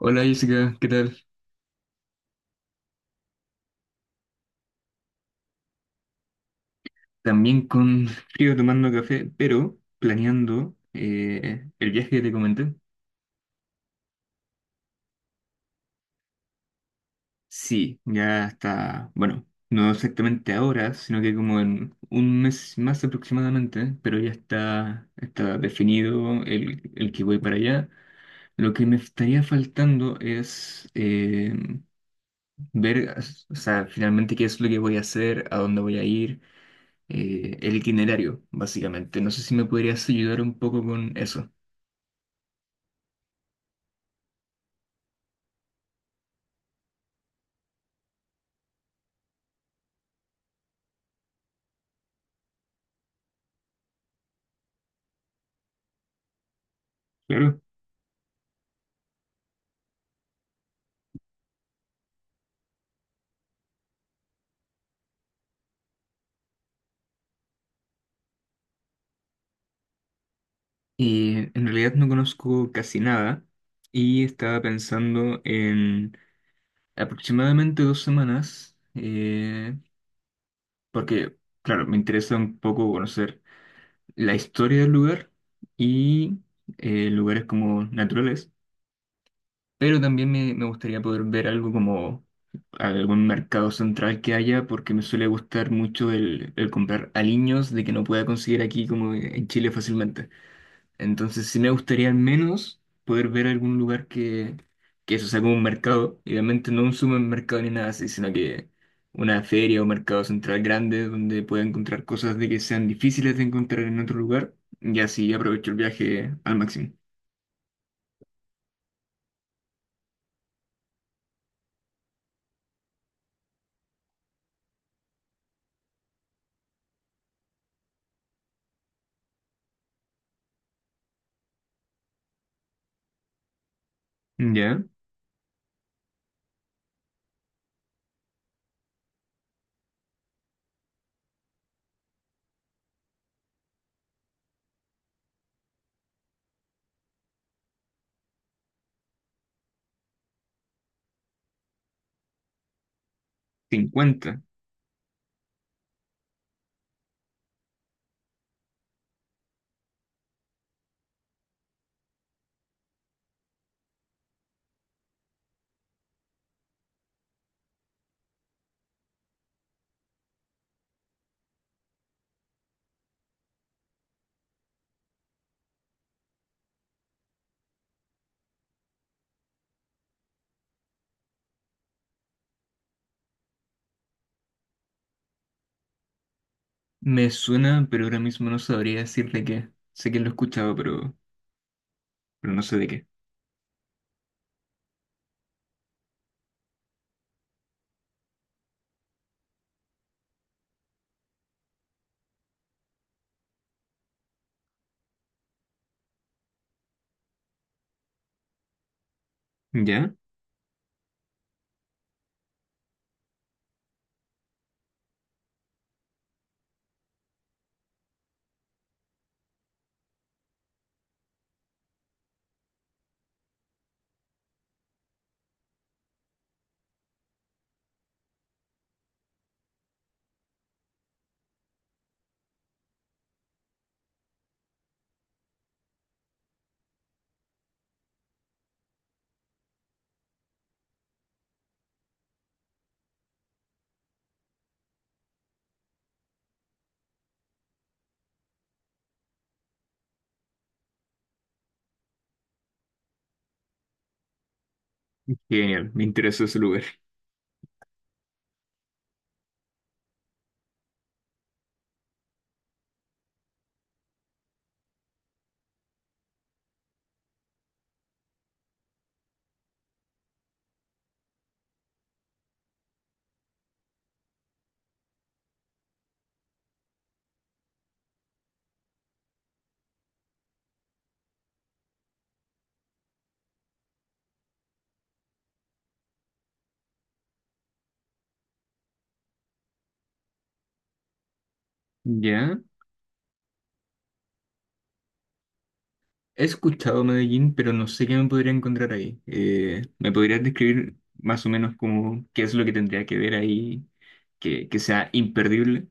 Hola Jessica, ¿qué tal? También con frío tomando café, pero planeando el viaje que te comenté. Sí, ya está, bueno, no exactamente ahora, sino que como en un mes más aproximadamente, pero ya está, está definido el que voy para allá. Lo que me estaría faltando es ver, o sea, finalmente qué es lo que voy a hacer, a dónde voy a ir el itinerario, básicamente. No sé si me podrías ayudar un poco con eso. Claro. Y en realidad no conozco casi nada y estaba pensando en aproximadamente 2 semanas, porque, claro, me interesa un poco conocer la historia del lugar y lugares como naturales, pero también me gustaría poder ver algo como algún mercado central que haya, porque me suele gustar mucho el comprar aliños de que no pueda conseguir aquí como en Chile fácilmente. Entonces sí me gustaría al menos poder ver algún lugar que eso sea como un mercado, idealmente no un supermercado ni nada así, sino que una feria o mercado central grande donde pueda encontrar cosas de que sean difíciles de encontrar en otro lugar y así aprovecho el viaje al máximo. ¿Ya? 50. Me suena, pero ahora mismo no sabría decir de qué. Sé que lo he escuchado, pero no sé de qué. ¿Ya? Genial, me interesa ese lugar. ¿Ya? He escuchado Medellín, pero no sé qué me podría encontrar ahí. ¿Me podrías describir más o menos como qué es lo que tendría que ver ahí que sea imperdible?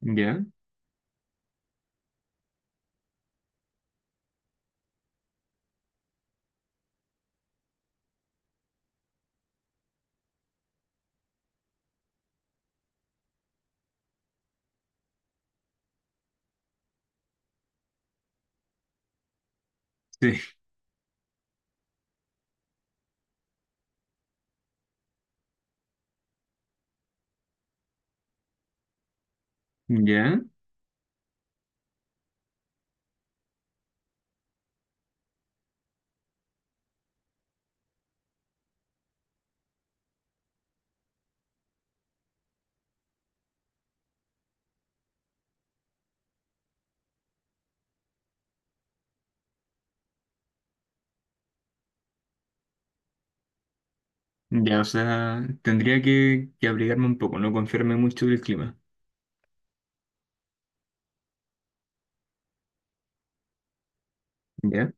¿Ya? Sí. ¿Ya? Ya, o sea, tendría que abrigarme un poco, no confiarme mucho del clima. ¿Ya?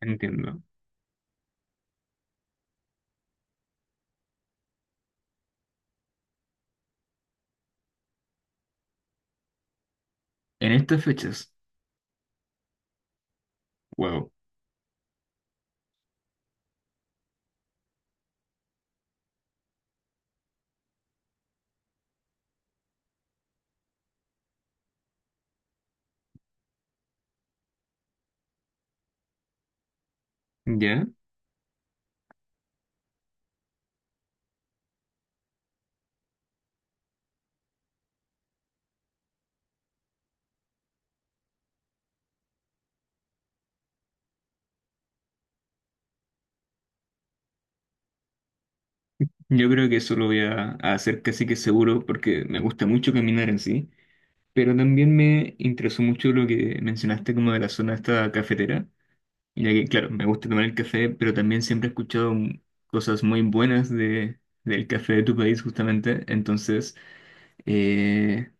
Entiendo. En estas fechas, wow. ¿Ya? Yo creo que eso lo voy a hacer casi que seguro porque me gusta mucho caminar en sí, pero también me interesó mucho lo que mencionaste como de la zona esta cafetera. Mira que, claro, me gusta tomar el café, pero también siempre he escuchado cosas muy buenas de, del café de tu país, justamente. Entonces, eh,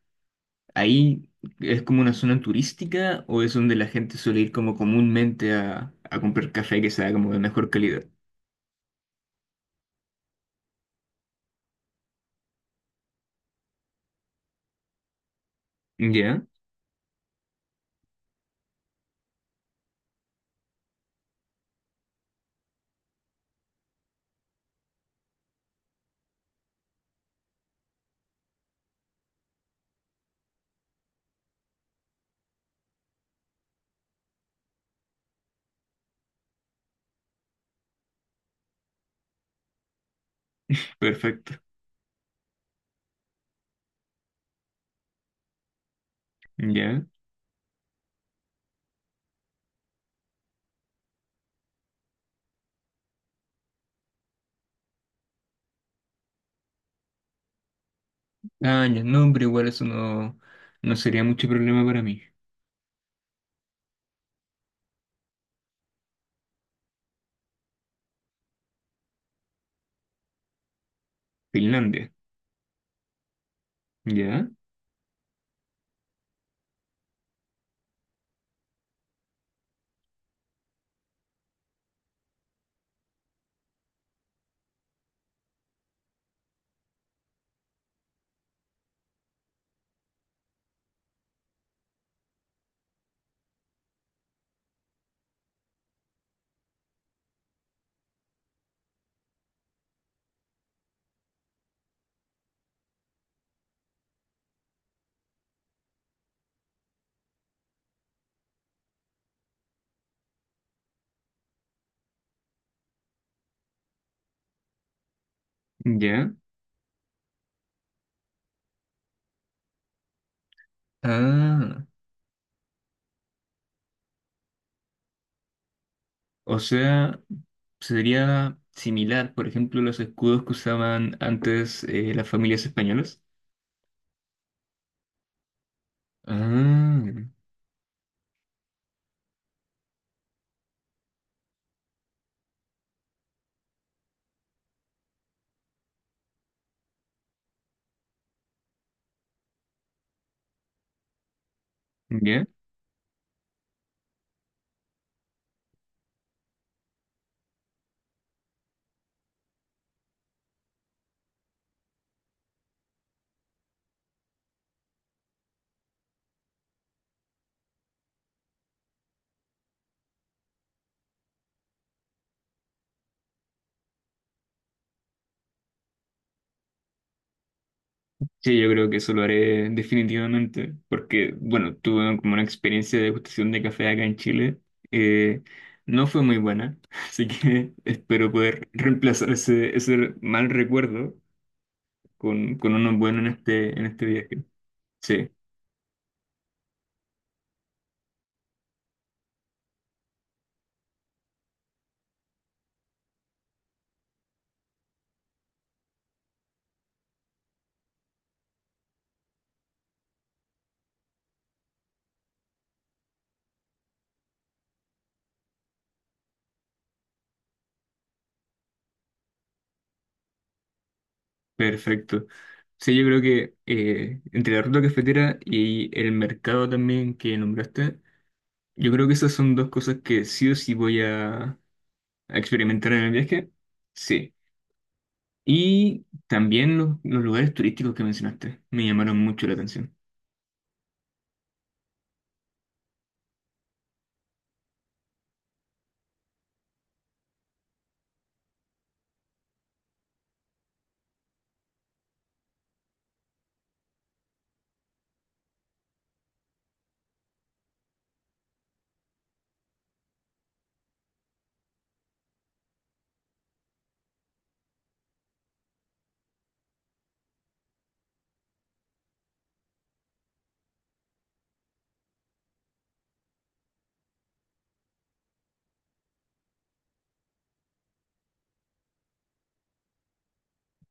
¿ahí es como una zona turística o es donde la gente suele ir como comúnmente a comprar café que sea como de mejor calidad? Ya, perfecto. Ya. Ah, ya, no, pero igual eso no, no sería mucho problema para mí. Finlandia. Ya, ya. Ah, o sea. Sería similar, por ejemplo, los escudos que usaban antes las familias españolas. Ah, ¿ya? Sí, yo creo que eso lo haré definitivamente, porque, bueno, tuve como una experiencia de degustación de café acá en Chile. eh, no fue muy buena, así que espero poder reemplazar ese, ese mal recuerdo con uno bueno en este viaje. Sí. Perfecto. Sí, yo creo que entre la ruta cafetera y el mercado también que nombraste, yo creo que esas son dos cosas que sí o sí voy a experimentar en el viaje. Sí. Y también los lugares turísticos que mencionaste me llamaron mucho la atención.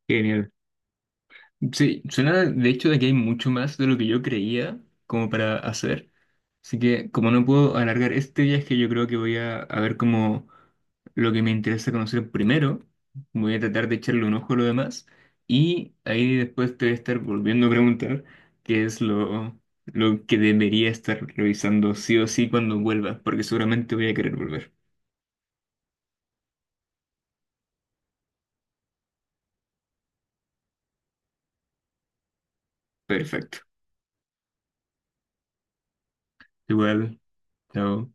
Genial. Sí, suena de hecho de que hay mucho más de lo que yo creía como para hacer. Así que como no puedo alargar este viaje, yo creo que voy a ver como lo que me interesa conocer primero. Voy a tratar de echarle un ojo a lo demás. Y ahí después te voy a estar volviendo a preguntar qué es lo que debería estar revisando sí o sí cuando vuelva, porque seguramente voy a querer volver. Perfecto. Igual, chao.